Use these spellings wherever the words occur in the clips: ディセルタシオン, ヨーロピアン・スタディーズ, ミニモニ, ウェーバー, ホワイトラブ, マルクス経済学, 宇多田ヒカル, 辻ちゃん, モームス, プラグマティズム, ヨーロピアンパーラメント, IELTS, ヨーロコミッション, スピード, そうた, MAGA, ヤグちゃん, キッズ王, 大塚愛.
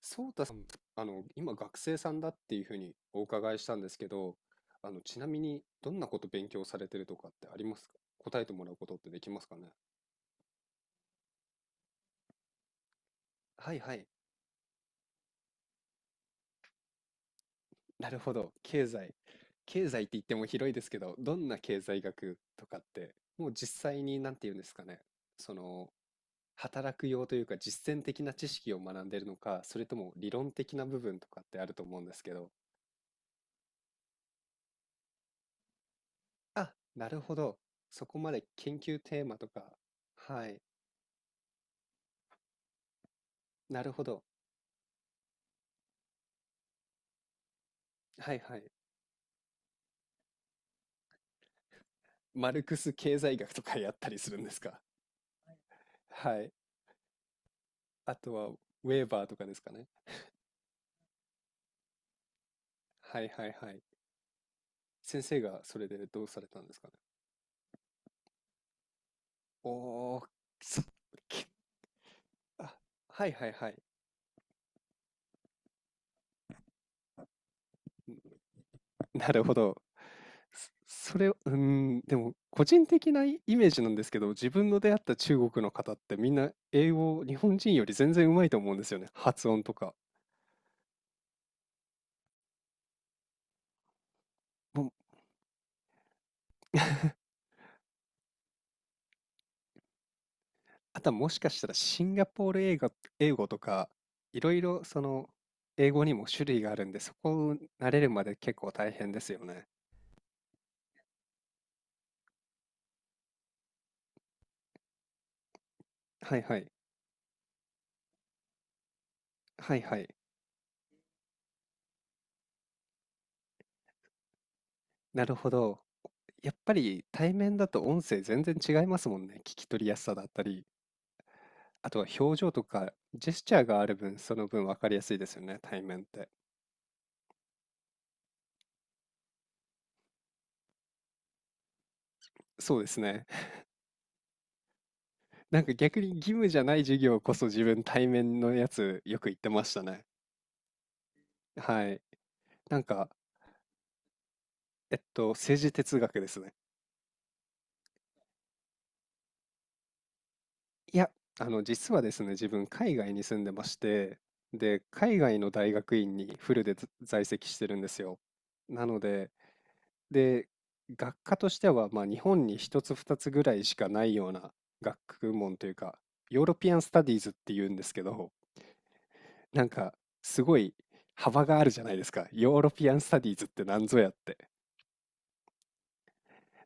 そうたさん、今学生さんだっていうふうにお伺いしたんですけど、ちなみにどんなこと勉強されてるとかってありますか？答えてもらうことってできますかね？はいはい。なるほど。経済。経済って言っても広いですけど、どんな経済学とかって、もう実際に何て言うんですかね。その、働く用というか実践的な知識を学んでるのか、それとも理論的な部分とかってあると思うんですけど。あ、なるほど。そこまで研究テーマとか。はい。なるほど。はいはい。マルクス経済学とかやったりするんですか？はい。あとは、ウェーバーとかですかね。はいはいはい。先生がそれでどうされたんですかね。おー、そ、けあ、はいはいはい。なるほど。そ、それを、うーん、でも、個人的なイイメージなんですけど、自分の出会った中国の方ってみんな英語、日本人より全然うまいと思うんですよね。発音とか。もうあとはもしかしたらシンガポール英語、英語とか、いろいろその英語にも種類があるんで、そこを慣れるまで結構大変ですよね。はいはい。はいはい。なるほど。やっぱり対面だと音声全然違いますもんね。聞き取りやすさだったり、あとは表情とかジェスチャーがある分、その分分かりやすいですよね、対面って。そうですね。なんか逆に義務じゃない授業こそ自分対面のやつよく言ってましたね。はい。なんか、えっと、政治哲学ですね。いや、実はですね、自分、海外に住んでまして、で、海外の大学院にフルでず在籍してるんですよ。なので、で、学科としては、まあ、日本に一つ二つぐらいしかないような学問というか、ヨーロピアン・スタディーズって言うんですけど、なんか、すごい幅があるじゃないですか。ヨーロピアン・スタディーズって何ぞやって。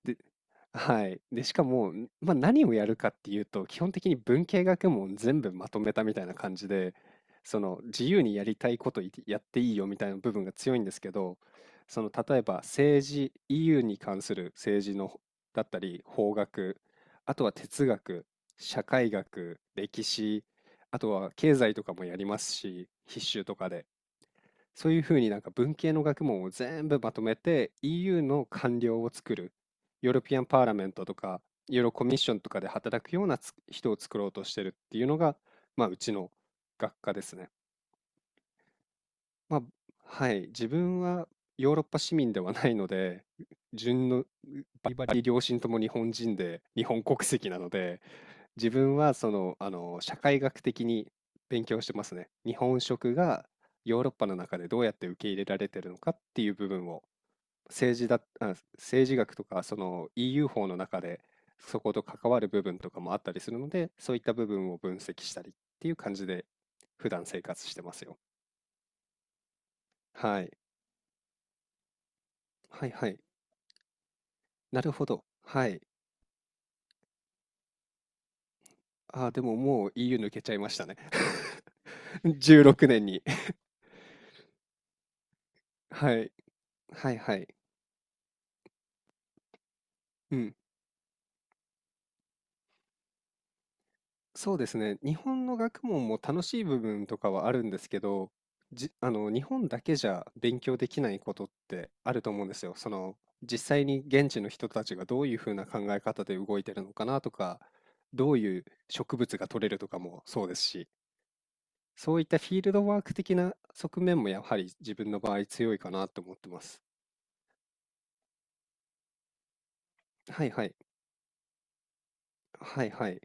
で、はい。で、しかも、まあ、何をやるかっていうと、基本的に文系学問全部まとめたみたいな感じで、その自由にやりたいことやっていいよみたいな部分が強いんですけど、その例えば政治、EU に関する政治のだったり、法学、あとは哲学、社会学、歴史、あとは経済とかもやりますし、必修とかで。そういうふうになんか文系の学問を全部まとめて EU の官僚を作る、ヨーロピアンパーラメントとか、ヨーロコミッションとかで働くような人を作ろうとしてるっていうのが、まあ、うちの学科ですね。まあ、はい、自分はヨーロッパ市民ではないので、順の両親とも日本人で、日本国籍なので、自分はその、社会学的に勉強してますね。日本食がヨーロッパの中でどうやって受け入れられてるのかっていう部分を政治学とか、その EU 法の中で、そこと関わる部分とかもあったりするので、そういった部分を分析したりっていう感じで、普段生活してますよ。はい。はいはい。なるほど。はい。あー、でももう EU 抜けちゃいましたね。16年に。はい。はいはい。うん。そうですね。日本の学問も楽しい部分とかはあるんですけど、じ、あの、日本だけじゃ勉強できないことってあると思うんですよ。その、実際に現地の人たちがどういうふうな考え方で動いてるのかなとか、どういう植物が取れるとかもそうですし、そういったフィールドワーク的な側面もやはり自分の場合強いかなと思ってます。はいはい。はいはい。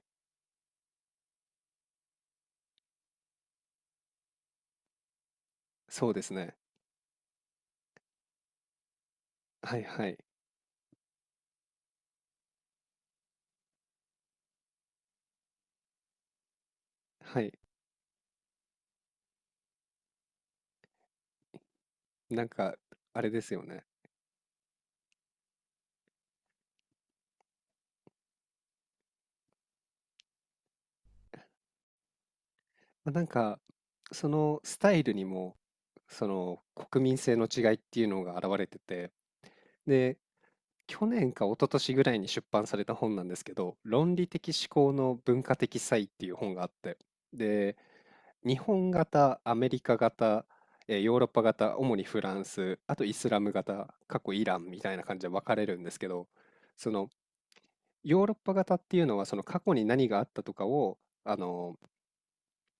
そうですね。はいはい。はい。なんか、あれですよね。ま、なんか、そのスタイルにも、その国民性の違いっていうのが現れてて、で、去年か一昨年ぐらいに出版された本なんですけど、論理的思考の文化的差異っていう本があって、で、日本型、アメリカ型、ヨーロッパ型、主にフランス、あとイスラム型、過去イランみたいな感じで分かれるんですけど、そのヨーロッパ型っていうのはその過去に何があったとかを、あの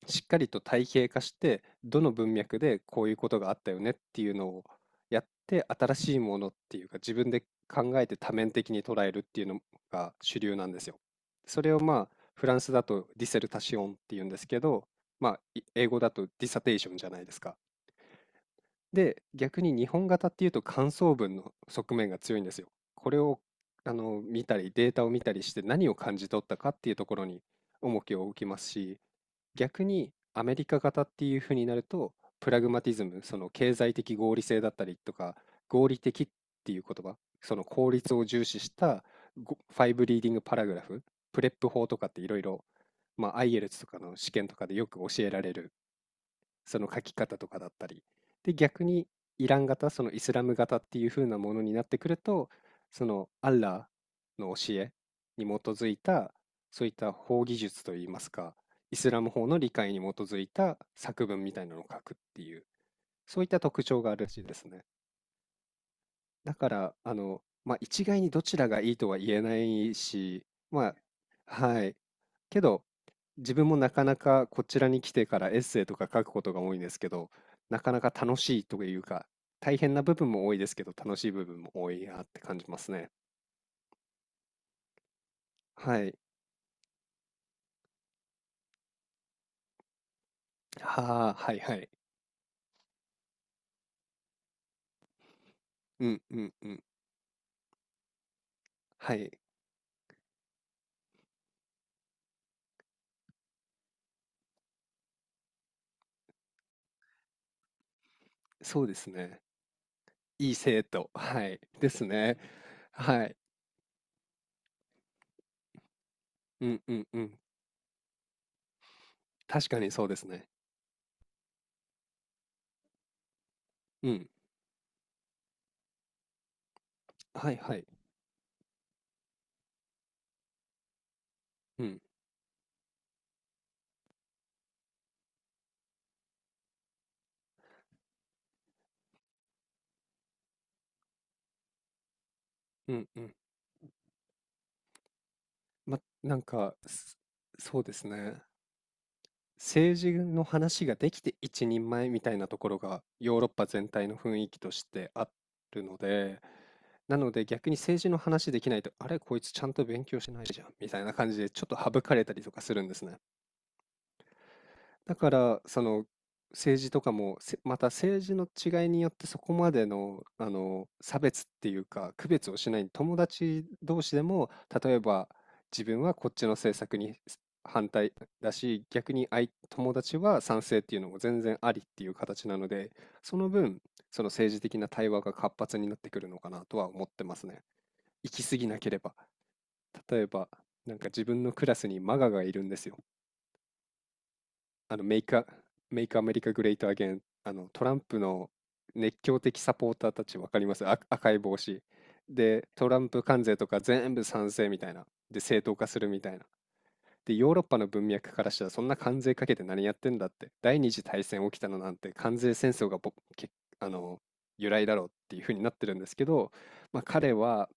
しっかりと体系化して、どの文脈でこういうことがあったよねっていうのをやって、新しいものっていうか、自分で考えて多面的に捉えるっていうのが主流なんですよ。それをまあ、フランスだとディセルタシオンっていうんですけど、まあ、英語だとディサテーションじゃないですか。で、逆に日本型っていうと感想文の側面が強いんですよ。これを見たり、データを見たりして何を感じ取ったかっていうところに重きを置きますし、逆にアメリカ型っていう風になると、プラグマティズム、その経済的合理性だったりとか、合理的っていう言葉、その効率を重視した5リーディングパラグラフ、プレップ法とかっていろいろ、まあ、IELTS とかの試験とかでよく教えられるその書き方とかだったり。で、逆にイラン型、そのイスラム型っていう風なものになってくると、そのアッラーの教えに基づいた、そういった法技術といいますか、イスラム法の理解に基づいた作文みたいなのを書くっていう、そういった特徴があるらしいですね。だから、まあ、一概にどちらがいいとは言えないし、まあ、はい。けど、自分もなかなかこちらに来てからエッセイとか書くことが多いんですけど、なかなか楽しいというか、大変な部分も多いですけど、楽しい部分も多いなって感じますね。はい。はあ、はいはい。うんうんうん。はい。そうですね。いい生徒。はい。ですね。はい。うんうんうん。確かにそうですね。うん。はいはい。うんうんうん。ま、なんか、すそうですね。政治の話ができて一人前みたいなところが、ヨーロッパ全体の雰囲気としてあるので、なので逆に政治の話できないと、あれ、こいつちゃんと勉強してないじゃんみたいな感じで、ちょっと省かれたりとかするんですね。だから、その、政治とかも、また政治の違いによってそこまでの、差別っていうか、区別をしない友達同士でも、例えば自分はこっちの政策に反対だし、逆に友達は賛成っていうのも全然ありっていう形なので、その分、その政治的な対話が活発になってくるのかなとは思ってますね。行き過ぎなければ。例えば、なんか自分のクラスにマガがいるんですよ。あの、メイクア、メイクアメリカグレートアゲン、トランプの熱狂的サポーターたち、わかります？あ、赤い帽子。で、トランプ関税とか全部賛成みたいな。で、正当化するみたいな。で、ヨーロッパの文脈からしたらそんな関税かけて何やってんだって、第二次大戦起きたのなんて関税戦争がぼけあの由来だろうっていうふうになってるんですけど、まあ、彼は、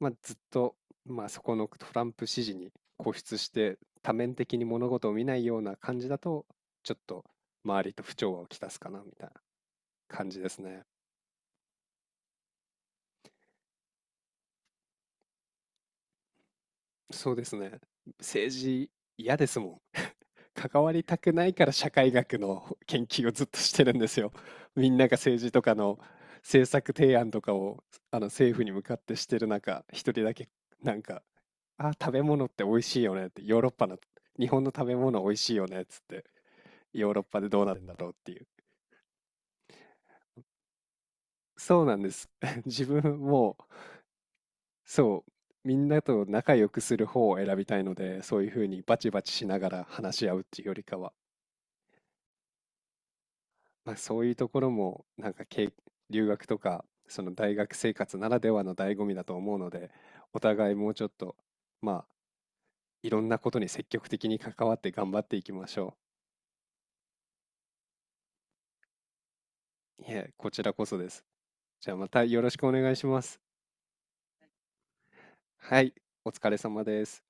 まあ、ずっと、まあ、そこのトランプ支持に固執して多面的に物事を見ないような感じだとちょっと周りと不調和をきたすかなみたいな感じですね。そうですね。政治嫌ですもん。関わりたくないから社会学の研究をずっとしてるんですよ。みんなが政治とかの政策提案とかを政府に向かってしてる中、一人だけなんか、あ、食べ物って美味しいよねって、ヨーロッパの、日本の食べ物美味しいよねっつって、ヨーロッパでどうなってんだろうっていう。そうなんです。自分も、そう、みんなと仲良くする方を選びたいので、そういうふうにバチバチしながら話し合うっていうよりかは、まあ、そういうところもなんか留学とかその大学生活ならではの醍醐味だと思うのでお互いもうちょっとまあいろんなことに積極的に関わって頑張っていきましょう。いえ、こちらこそです。じゃあまたよろしくお願いします。はい、お疲れ様です。